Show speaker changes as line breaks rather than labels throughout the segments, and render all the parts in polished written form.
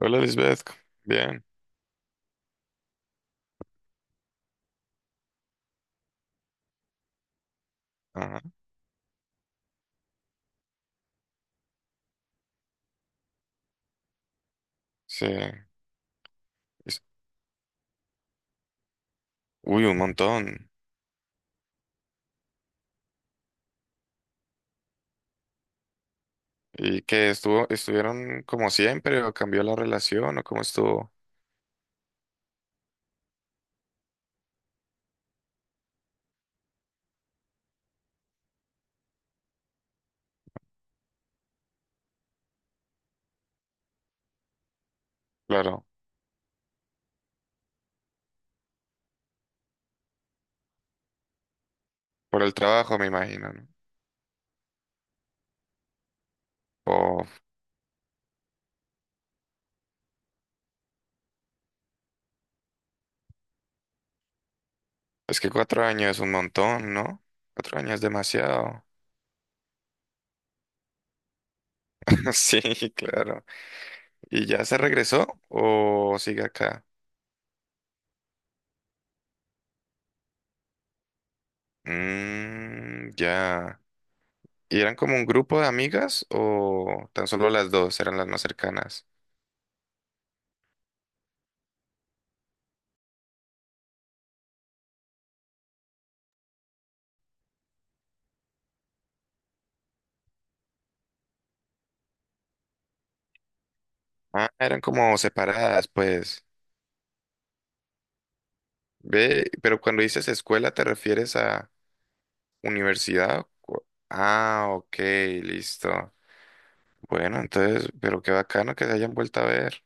Hola Lisbeth, bien. Ajá, sí. Es- Uy, un montón. ¿Y qué estuvo? ¿Estuvieron como siempre o cambió la relación o cómo estuvo? Claro, por el trabajo me imagino, ¿no? O es que 4 años es un montón, ¿no? 4 años es demasiado. Sí, claro. ¿Y ya se regresó o sigue acá? Mm, ya. ¿Y eran como un grupo de amigas o tan solo las dos eran las más cercanas? Ah, eran como separadas, pues. Ve, pero cuando dices escuela, ¿te refieres a universidad? Ah, ok, listo. Bueno, entonces, pero qué bacano que se hayan vuelto a ver.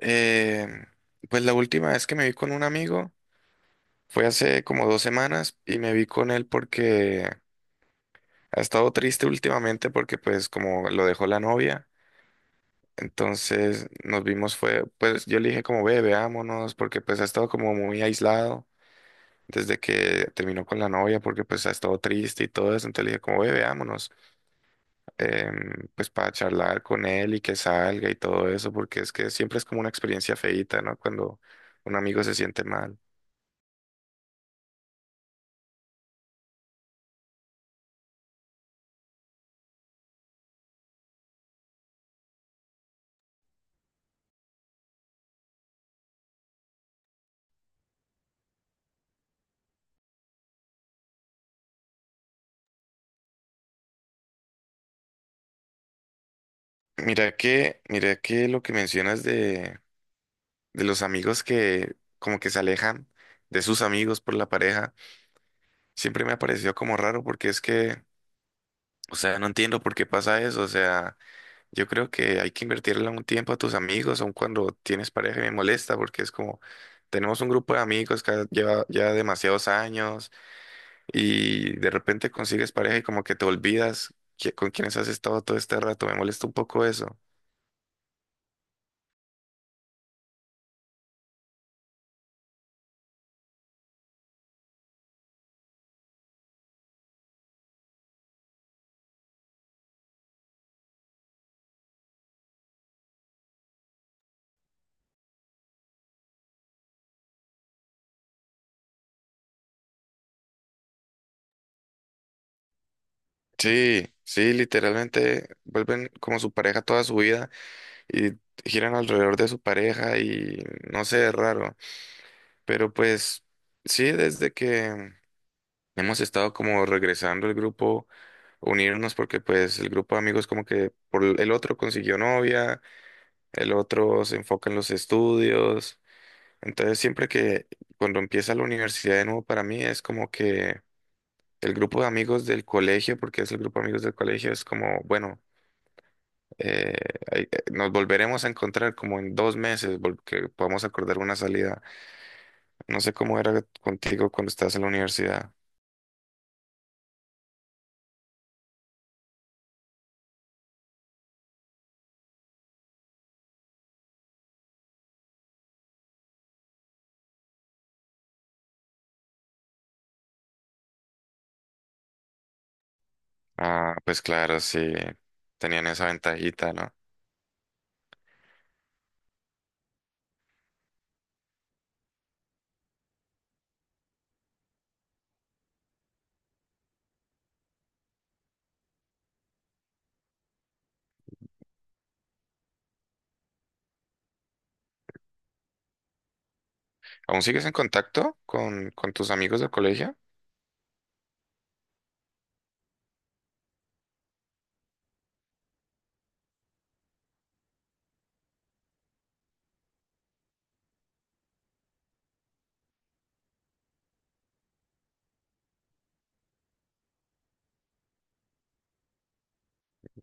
Eh, pues la última vez que me vi con un amigo fue hace como 2 semanas y me vi con él porque ha estado triste últimamente porque pues como lo dejó la novia. Entonces nos vimos fue, pues yo le dije como ve, veámonos porque pues ha estado como muy aislado desde que terminó con la novia porque pues ha estado triste y todo eso. Entonces le dije como, ve, veámonos, pues para charlar con él y que salga y todo eso, porque es que siempre es como una experiencia feíta, ¿no? Cuando un amigo se siente mal. Mira que lo que mencionas de los amigos que como que se alejan de sus amigos por la pareja, siempre me ha parecido como raro porque es que, o sea, no entiendo por qué pasa eso, o sea. Yo creo que hay que invertirle un tiempo a tus amigos, aun cuando tienes pareja, y me molesta porque es como, tenemos un grupo de amigos que lleva ya demasiados años y de repente consigues pareja y como que te olvidas con quienes has estado todo este rato, me molesta un poco eso. Sí, sí, literalmente vuelven como su pareja toda su vida y giran alrededor de su pareja y no sé, es raro, pero pues sí, desde que. Hemos estado como regresando el grupo, unirnos porque pues el grupo de amigos como que por el otro consiguió novia, el otro se enfoca en los estudios. Entonces siempre que cuando empieza la universidad de nuevo para mí es como que el grupo de amigos del colegio, porque es el grupo de amigos del colegio, es como, bueno, eh, nos volveremos a encontrar como en 2 meses porque podamos acordar una salida. No sé cómo era contigo cuando estás en la universidad. Ah, pues claro, sí, tenían esa ventajita, ¿no? ¿Aún sigues en contacto con tus amigos del colegio?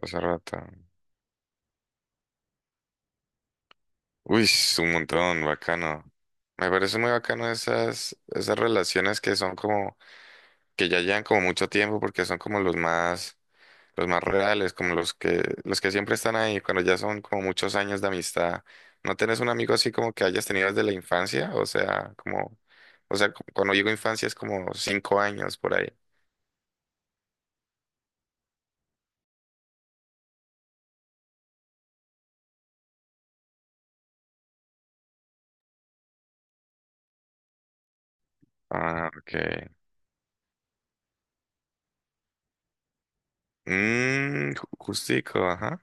Hace rato. Uy, es un montón, bacano. Me parece muy bacano esas, esas relaciones que son como, que ya llevan como mucho tiempo porque son como los más reales, como los que siempre están ahí, cuando ya son como muchos años de amistad. ¿No tenés un amigo así como que hayas tenido desde la infancia? O sea, como, o sea, cuando digo infancia es como 5 años por ahí. Ah, ok. Mm, justico, ajá,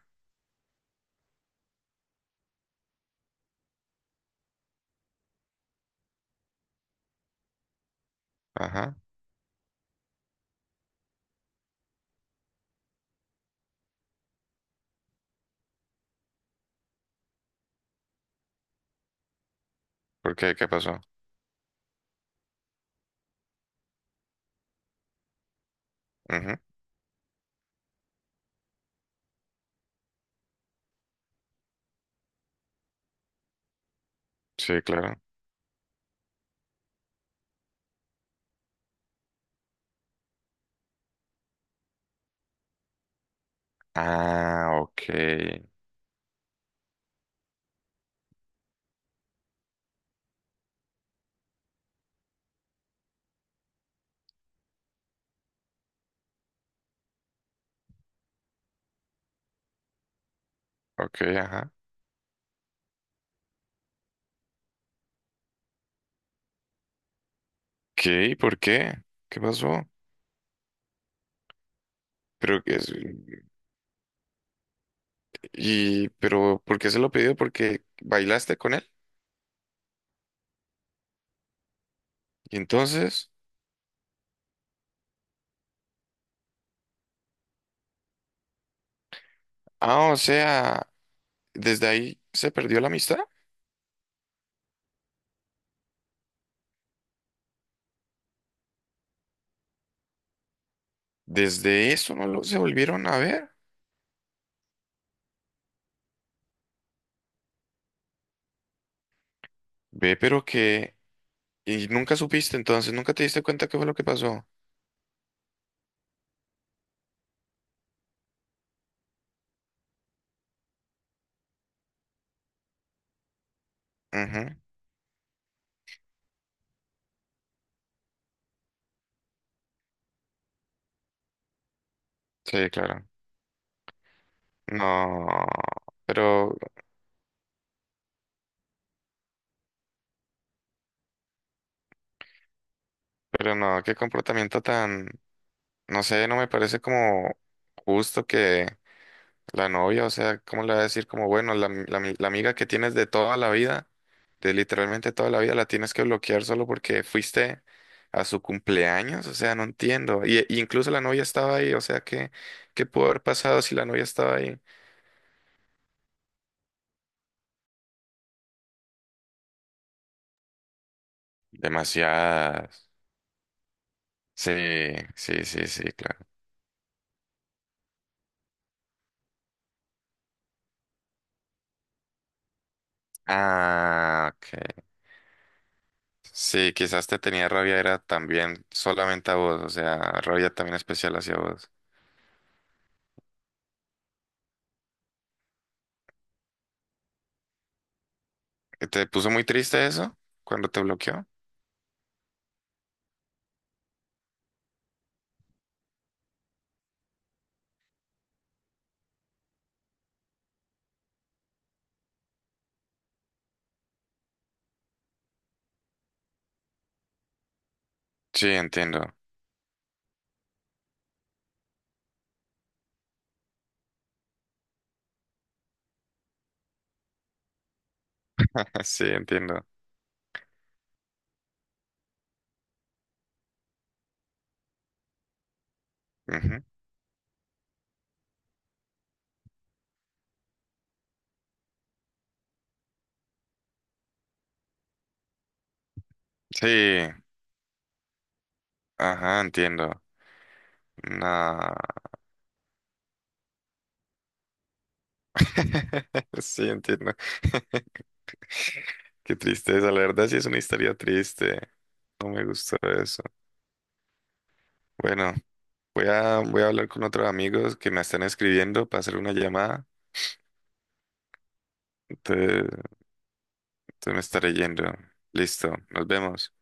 ajá. ¿Por qué? ¿Qué pasó? Ujú. Sí, claro. Ah, ok, ok, ajá. ¿Qué? ¿Por qué? ¿Qué pasó? Pero que es, y pero ¿por qué se lo pidió? Porque bailaste con él. Y entonces, ah, o sea, desde ahí se perdió la amistad. Desde eso no lo se volvieron a ver. Ve, pero que, y nunca supiste entonces, nunca te diste cuenta qué fue lo que pasó. Ujú. Sí, claro. No, pero. Pero no, qué comportamiento tan, no sé, no me parece como justo que la novia, o sea, ¿cómo le va a decir como, bueno, la, la amiga que tienes de toda la vida, de literalmente toda la vida, la tienes que bloquear solo porque fuiste a su cumpleaños? O sea, no entiendo. Y incluso la novia estaba ahí, o sea, ¿qué, qué pudo haber pasado si la novia estaba ahí? Demasiadas. Sí, sí, sí, sí, claro. Ah, ok. Sí, quizás te tenía rabia, era también solamente a vos, o sea, rabia también especial hacia vos. ¿Te puso muy triste eso cuando te bloqueó? Sí, entiendo. Sí, entiendo. Ujú. Sí, ajá, entiendo. No. Sí, entiendo. Qué tristeza, la verdad sí es una historia triste. No me gustó eso. Bueno, voy a, voy a hablar con otros amigos que me están escribiendo para hacer una llamada. Entonces, entonces me estaré yendo. Listo, nos vemos.